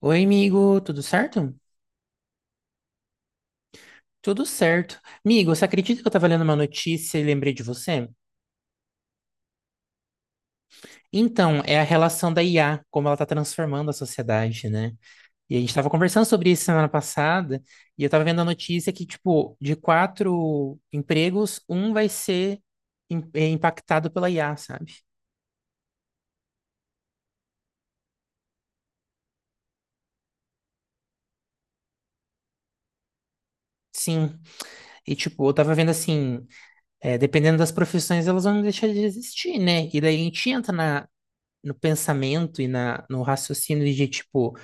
Oi, amigo, tudo certo? Tudo certo. Amigo, você acredita que eu estava lendo uma notícia e lembrei de você? Então, é a relação da IA, como ela está transformando a sociedade, né? E a gente estava conversando sobre isso semana passada, e eu estava vendo a notícia que, tipo, de quatro empregos, um vai ser impactado pela IA, sabe? Sim. E, tipo, eu tava vendo assim, dependendo das profissões, elas vão deixar de existir, né? E daí a gente entra no pensamento e no raciocínio de, tipo,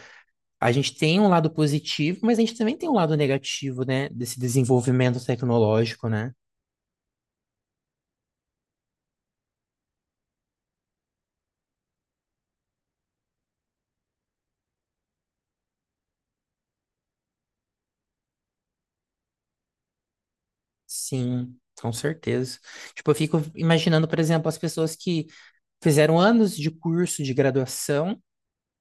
a gente tem um lado positivo, mas a gente também tem um lado negativo, né? Desse desenvolvimento tecnológico, né? Sim, com certeza. Tipo, eu fico imaginando, por exemplo, as pessoas que fizeram anos de curso de graduação,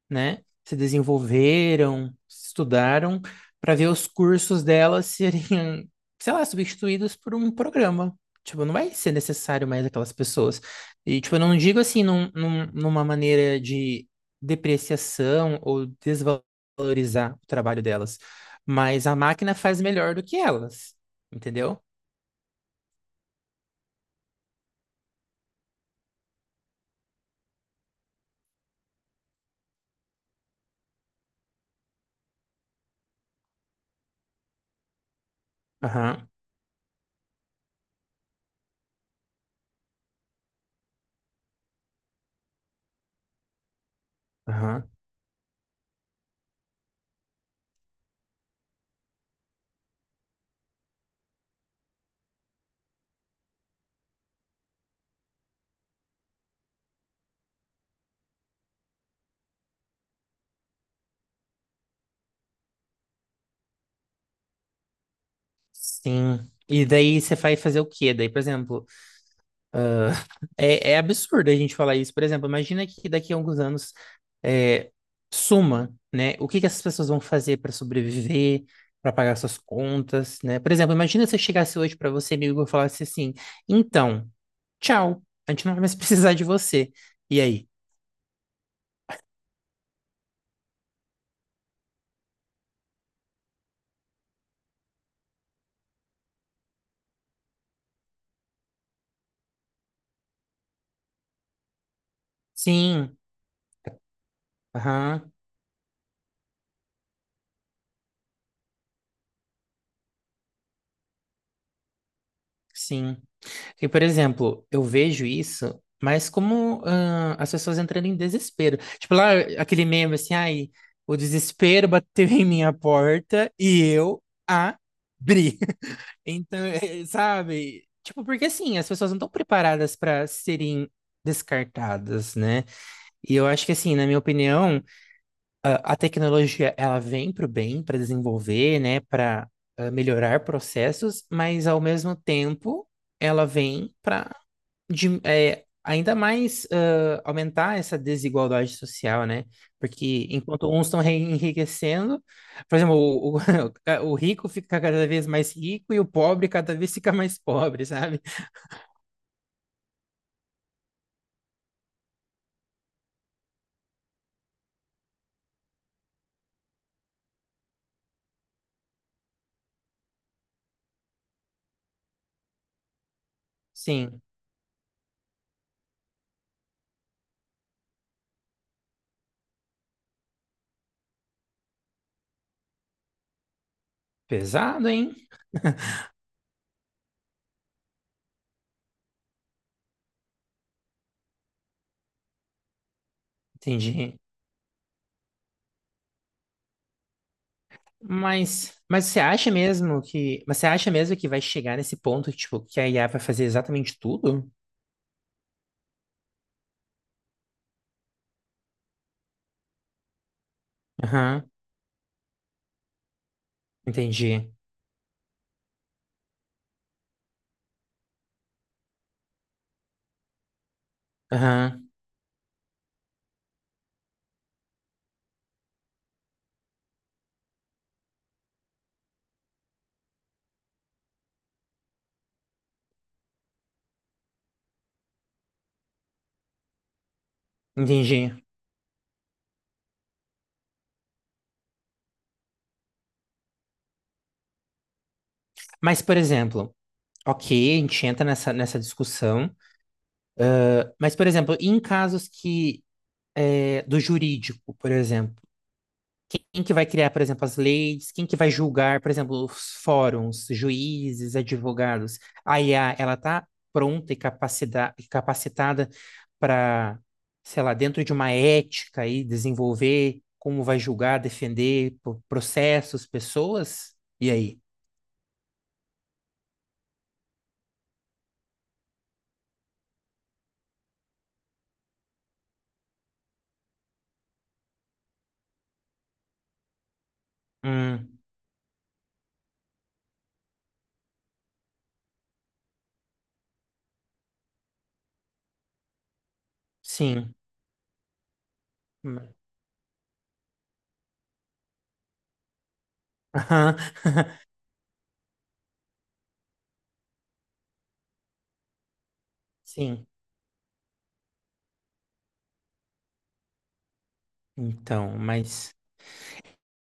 né? Se desenvolveram, estudaram para ver os cursos delas serem, sei lá, substituídos por um programa. Tipo, não vai ser necessário mais aquelas pessoas. E, tipo, eu não digo assim numa maneira de depreciação ou desvalorizar o trabalho delas, mas a máquina faz melhor do que elas, entendeu? Aham, aham, sim. E daí você vai fazer o quê? Daí, por exemplo. É absurdo a gente falar isso. Por exemplo, imagina que daqui a alguns anos é, suma, né? O que que essas pessoas vão fazer para sobreviver, para pagar suas contas, né? Por exemplo, imagina se eu chegasse hoje para você, amigo, e eu falasse assim: então, tchau, a gente não vai mais precisar de você. E aí? Sim, aham, sim. E, por exemplo, eu vejo isso, mas como as pessoas entrando em desespero. Tipo, lá aquele meme assim, ai, o desespero bateu em minha porta e eu abri. Então, sabe? Tipo, porque assim, as pessoas não estão preparadas para serem descartadas, né? E eu acho que assim, na minha opinião, a tecnologia ela vem para o bem, para desenvolver, né, para melhorar processos, mas ao mesmo tempo ela vem para ainda mais aumentar essa desigualdade social, né? Porque enquanto uns estão enriquecendo, por exemplo, o rico fica cada vez mais rico e o pobre cada vez fica mais pobre, sabe? Sim, pesado, hein? Entendi. Mas você acha mesmo que vai chegar nesse ponto, tipo, que a IA vai fazer exatamente tudo? Aham, entendi. Aham, entendi. Mas, por exemplo, ok, a gente entra nessa discussão. Mas, por exemplo, em casos que do jurídico, por exemplo, quem que vai criar, por exemplo, as leis? Quem que vai julgar, por exemplo, os fóruns, juízes, advogados? A IA, ela está pronta e capacitada para, sei lá, dentro de uma ética aí, desenvolver como vai julgar, defender processos, pessoas? E aí? Hum, sim. Hum. Aham. Sim. Então, mas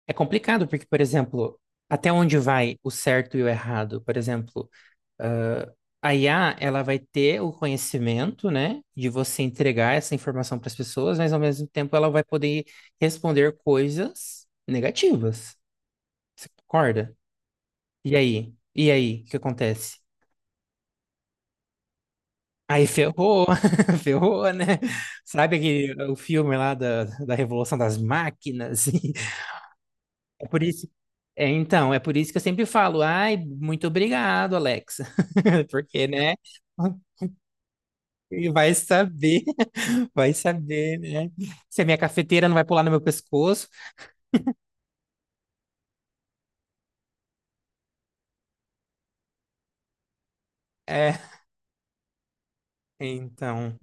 é complicado porque, por exemplo, até onde vai o certo e o errado? Por exemplo, ah, a IA, ela vai ter o conhecimento, né, de você entregar essa informação para as pessoas, mas ao mesmo tempo ela vai poder responder coisas negativas. Você concorda? E aí? E aí? O que acontece? Aí ferrou, ferrou, né? Sabe aquele, o filme lá da Revolução das Máquinas? É por isso. É, então, é por isso que eu sempre falo, ai, muito obrigado, Alexa. Porque, né? E vai saber, vai saber, né? Se a minha cafeteira não vai pular no meu pescoço. É, então.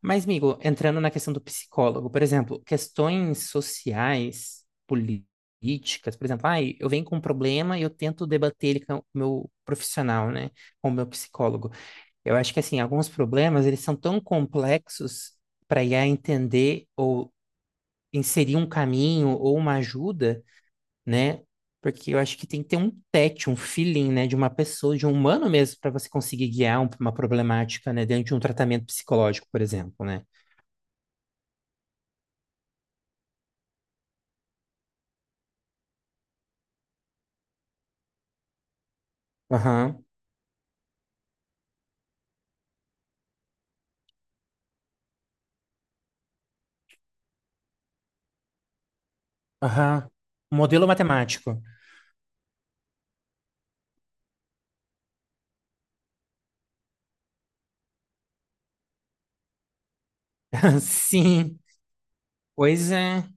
Mas, amigo, entrando na questão do psicólogo, por exemplo, questões sociais, políticas, por exemplo, ai, eu venho com um problema e eu tento debater ele com o meu profissional, né? Com o meu psicólogo. Eu acho que assim, alguns problemas eles são tão complexos para I a entender ou inserir um caminho ou uma ajuda, né? Porque eu acho que tem que ter um tete, um feeling, né, de uma pessoa, de um humano mesmo, para você conseguir guiar uma problemática, né, dentro de um tratamento psicológico, por exemplo, né? Aham, aham. Modelo matemático. Sim, pois é.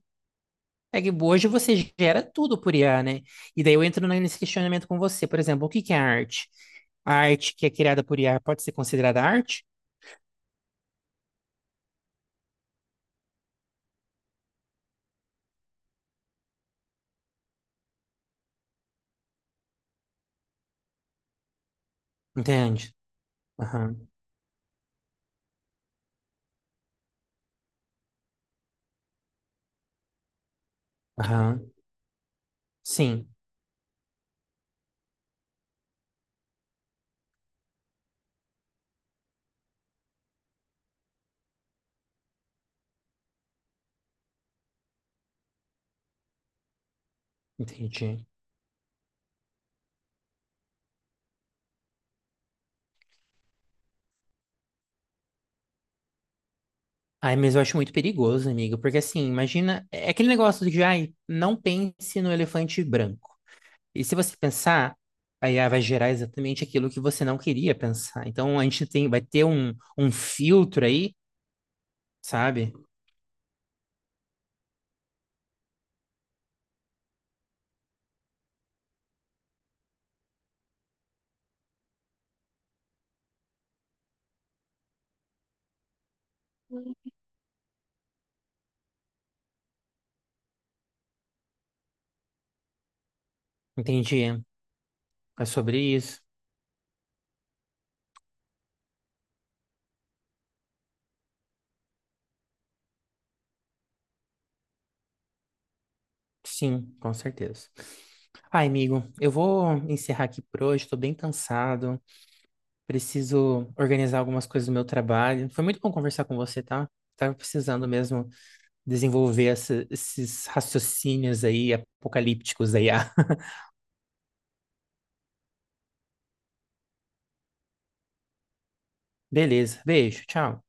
É que hoje você gera tudo por IA, né? E daí eu entro nesse questionamento com você. Por exemplo, o que que é arte? A arte que é criada por IA pode ser considerada arte? Entende? Aham, aham. Sim, entendi. Ai, mas eu acho muito perigoso, amigo, porque assim, imagina, é aquele negócio de ai, não pense no elefante branco. E se você pensar, a IA vai gerar exatamente aquilo que você não queria pensar. Então a gente tem, vai ter um filtro aí, sabe? Entendi. É sobre isso. Sim, com certeza. Ai, amigo, eu vou encerrar aqui por hoje, estou bem cansado, preciso organizar algumas coisas do meu trabalho. Foi muito bom conversar com você, tá? Tava precisando mesmo desenvolver esses raciocínios aí apocalípticos aí. ah. Beleza, beijo, tchau.